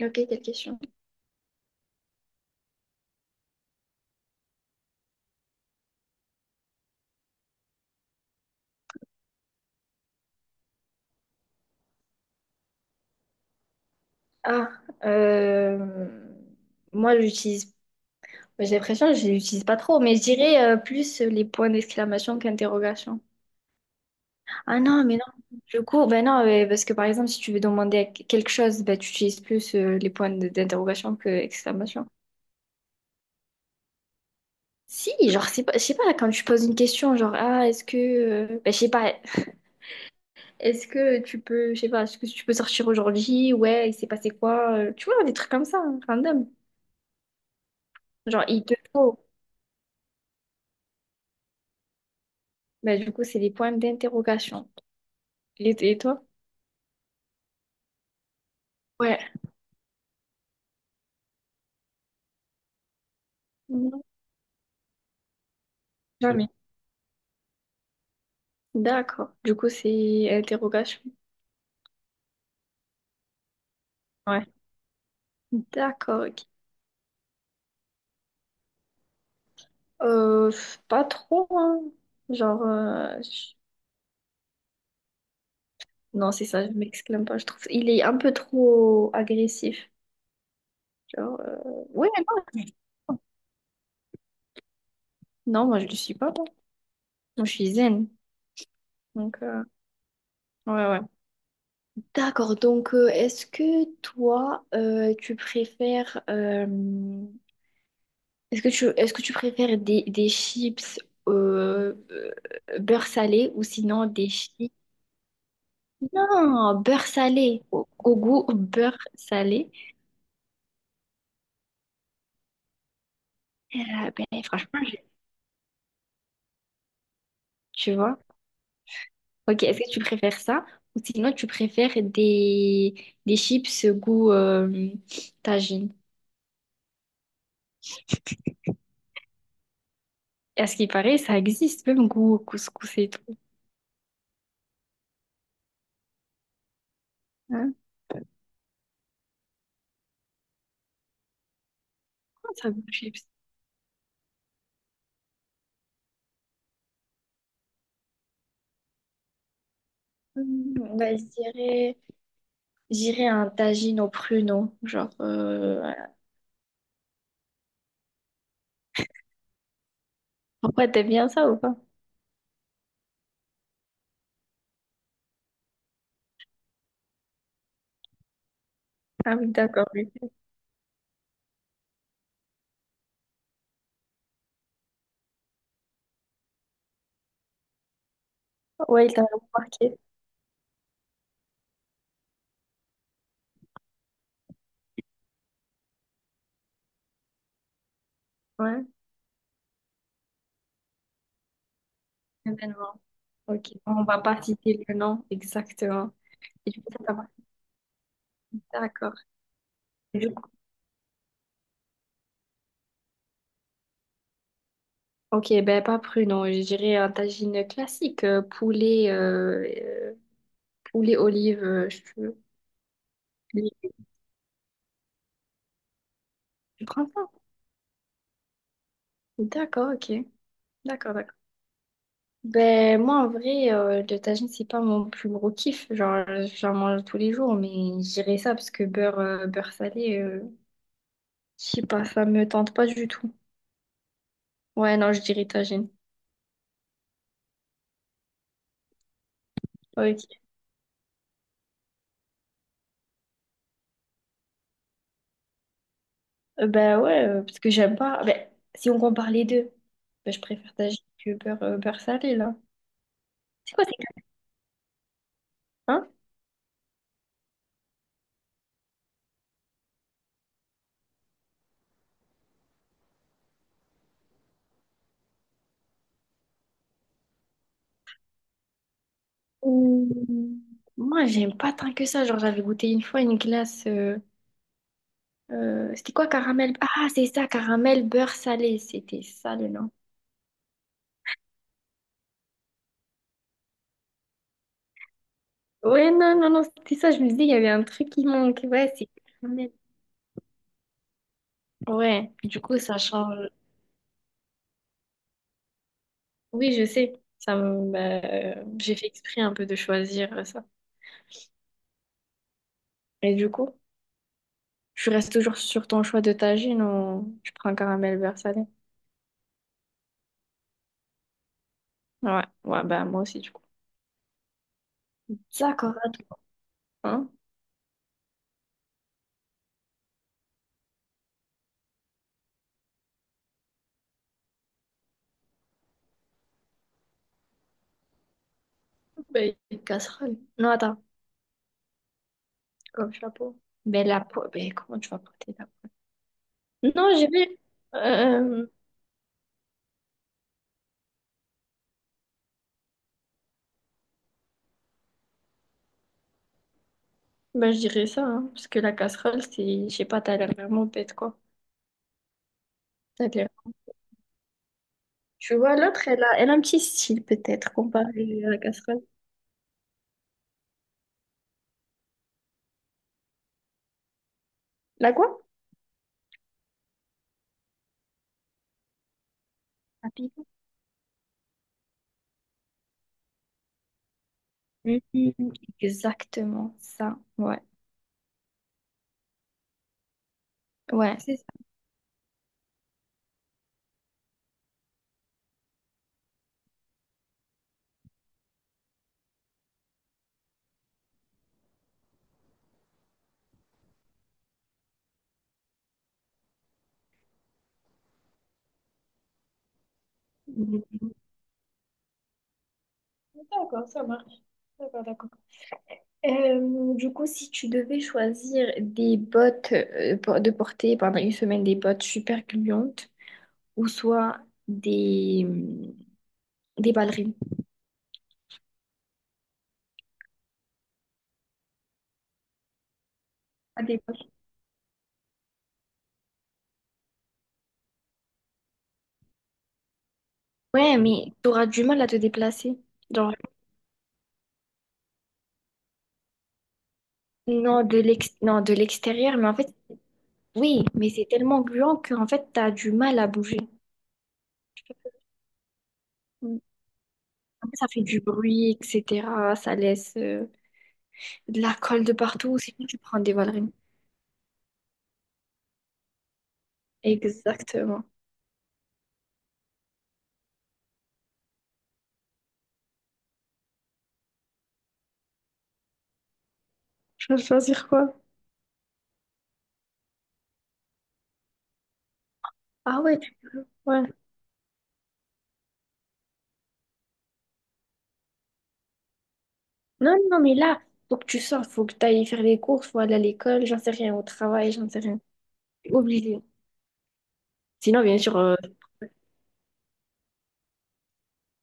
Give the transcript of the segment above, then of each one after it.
Ok, quelle question? Ah, euh, Moi j'utilise, j'ai l'impression que je l'utilise pas trop, mais je dirais plus les points d'exclamation qu'interrogation. Ah non, mais non, du coup, ben non, parce que par exemple, si tu veux demander à quelque chose, ben, tu utilises plus les points d'interrogation que exclamation. Si, genre, c'est pas, je sais pas, quand tu poses une question, genre, ah, est-ce que, ben, je sais pas, est-ce que tu peux, je sais pas, est-ce que tu peux sortir aujourd'hui? Ouais, il s'est passé quoi? Tu vois, des trucs comme ça, hein, random. Genre, il te faut. Bah, du coup, c'est des points d'interrogation. Et toi? Ouais. Non, jamais. D'accord. Du coup, c'est interrogation. Ouais. D'accord. Ok. Pff, pas trop, hein. Genre, euh, je- non, c'est ça, je m'exclame pas. Je trouve il est un peu trop agressif. Genre, euh, ouais, non. Non, moi, je le suis pas. Moi, je suis zen. Donc, euh, ouais, ouais. D'accord. Donc, est-ce que toi, tu préfères. Est-ce que tu préfères des chips euh, euh, beurre salé ou sinon des chips... Non, beurre salé, au, au goût beurre salé. Euh, ben, franchement, tu vois. Ok, est-ce que tu préfères ça ou sinon tu préfères des chips goût tagine? Et à ce qui paraît, ça existe, même goût couscous et tout. Hein, comment ça goût chips? Hmm, ben, je dirais, j'irais un tagine au pruneau, genre... voilà. Pourquoi t'aimes bien ça ou pas? Ah oui, d'accord, oui. Ouais, il t'a remarqué. Ouais, événement. Ok, on va pas citer le nom exactement. Et du coup, ça t'a marqué. D'accord. Du coup, ok, ben pas pruneau, je dirais un tagine classique, poulet, poulet, olive, euh, je- je prends ça. D'accord, ok. D'accord, d'accord. Ben moi, en vrai, le tagine, c'est pas mon plus gros kiff. Genre, j'en mange tous les jours, mais je dirais ça parce que beurre, beurre salé, je sais pas, ça me tente pas du tout. Ouais, non, je dirais tagine. Ok. Ben ouais, parce que j'aime pas. Ben, si on compare les deux, ben, je préfère tagine que beurre, beurre salé, là. C'est quoi, c'est hein? Ouh. Moi, j'aime pas tant que ça. Genre, j'avais goûté une fois une glace. C'était quoi, caramel? Ah, c'est ça, caramel beurre salé. C'était ça le nom. Ouais, non, non, non, c'était ça. Je me disais, il y avait un truc qui manque. Ouais, c'est caramel. Ouais, du coup, ça change. Oui, je sais. Ça me... ben, j'ai fait exprès un peu de choisir ça. Et du coup? Je reste toujours sur ton choix de tagine ou tu prends caramel beurre salé? Ouais, ouais, bah moi aussi du coup. D'accord, attends. Hein? Ben, une casserole. Non, attends. Comme chapeau. Ben la peau, ben comment tu vas porter la peau? Non, j'ai vu. Euh, ben je dirais ça, hein, parce que la casserole, c'est, je sais pas, t'as l'air vraiment bête quoi. T'as l'air- tu vois, l'autre, elle a, elle a un petit style peut-être comparé à la casserole. La quoi? La pizza. Mhm, exactement ça, ouais, ouais. C'est ça. Mhm. D'accord, ça marche. D'accord, d'accord. Du coup, si tu devais choisir des bottes de porter pendant une semaine des bottes super gluantes ou soit des, hum, des ballerines. À des poches. Ouais, mais tu auras du mal à te déplacer. Genre, non, de l'ex non, de l'extérieur, mais en fait, oui, mais c'est tellement gluant qu'en fait, t'as du mal à bouger. Mm. Ça fait du bruit, etc. Ça laisse de la colle de partout. Sinon, tu prends des ballerines. Exactement. Je vais choisir quoi? Ah ouais, ouais. Non, non, mais là, faut que tu sortes, faut que tu ailles faire les courses, faut aller à l'école, j'en sais rien, au travail, j'en sais rien. T'es obligé. Sinon, bien sûr,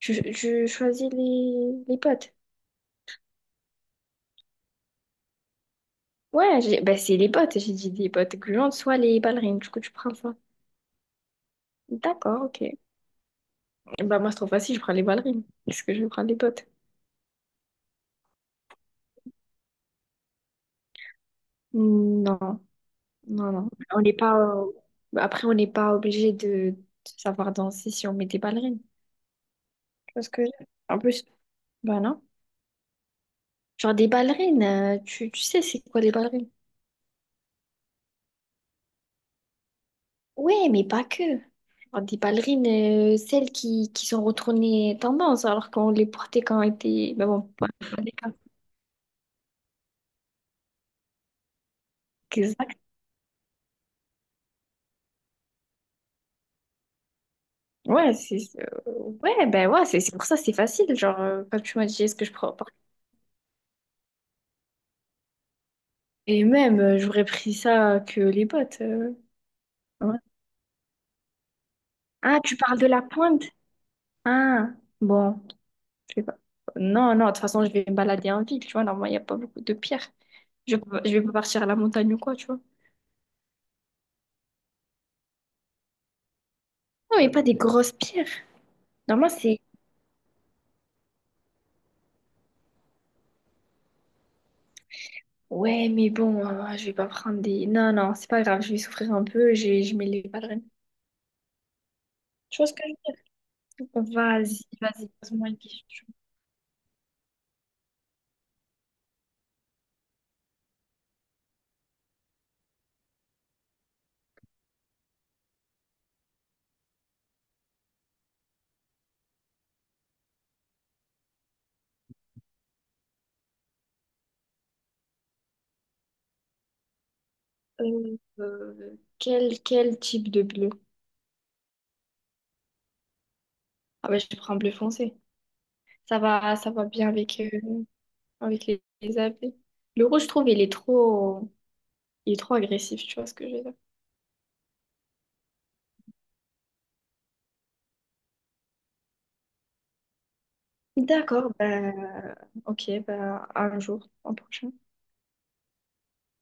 je choisis les potes. Ouais, bah, c'est les potes, j'ai dit des potes gluantes, soit les ballerines, du coup, tu prends ça. D'accord, ok. Bah, moi, c'est trop facile, je prends les ballerines. Est-ce que je prends les potes? Non, non, non. On n'est pas, bah, après, on n'est pas obligé de savoir danser si on met des ballerines. Tu vois ce que je veux dire? En plus, bah non. Genre des ballerines, tu, tu sais c'est quoi les ballerines? Ouais, mais pas que. Genre des ballerines, celles qui sont retournées tendance alors qu'on les portait quand on était... Mais bon, pas pas les cas. Exact. Ouais, c'est... euh, ouais, ben ouais, c'est pour ça c'est facile. Genre, quand tu m'as dit est-ce que je prends... Et même, j'aurais pris ça que les bottes. Ouais. Ah, tu parles de la pointe? Ah, bon, je sais pas. Non, non, de toute façon, je vais me balader en ville, tu vois. Normalement, il n'y a pas beaucoup de pierres. Je vais pas partir à la montagne ou quoi, tu vois. Non, mais pas des grosses pierres. Normalement, c'est... Ouais, mais bon, je vais pas prendre des... Non, non, c'est pas grave, je vais souffrir un peu, je mets les ballerines. Tu vois ce que je veux dire? Vas-y, vas-y, pose-moi une question. Quel, quel type de bleu? Ah ben, je prends bleu foncé. Ça va bien avec, avec les habits. Le rouge, je trouve, il est trop... Il est trop agressif, tu vois ce que je veux dire? D'accord, ben... Ok, ben, un jour, un prochain.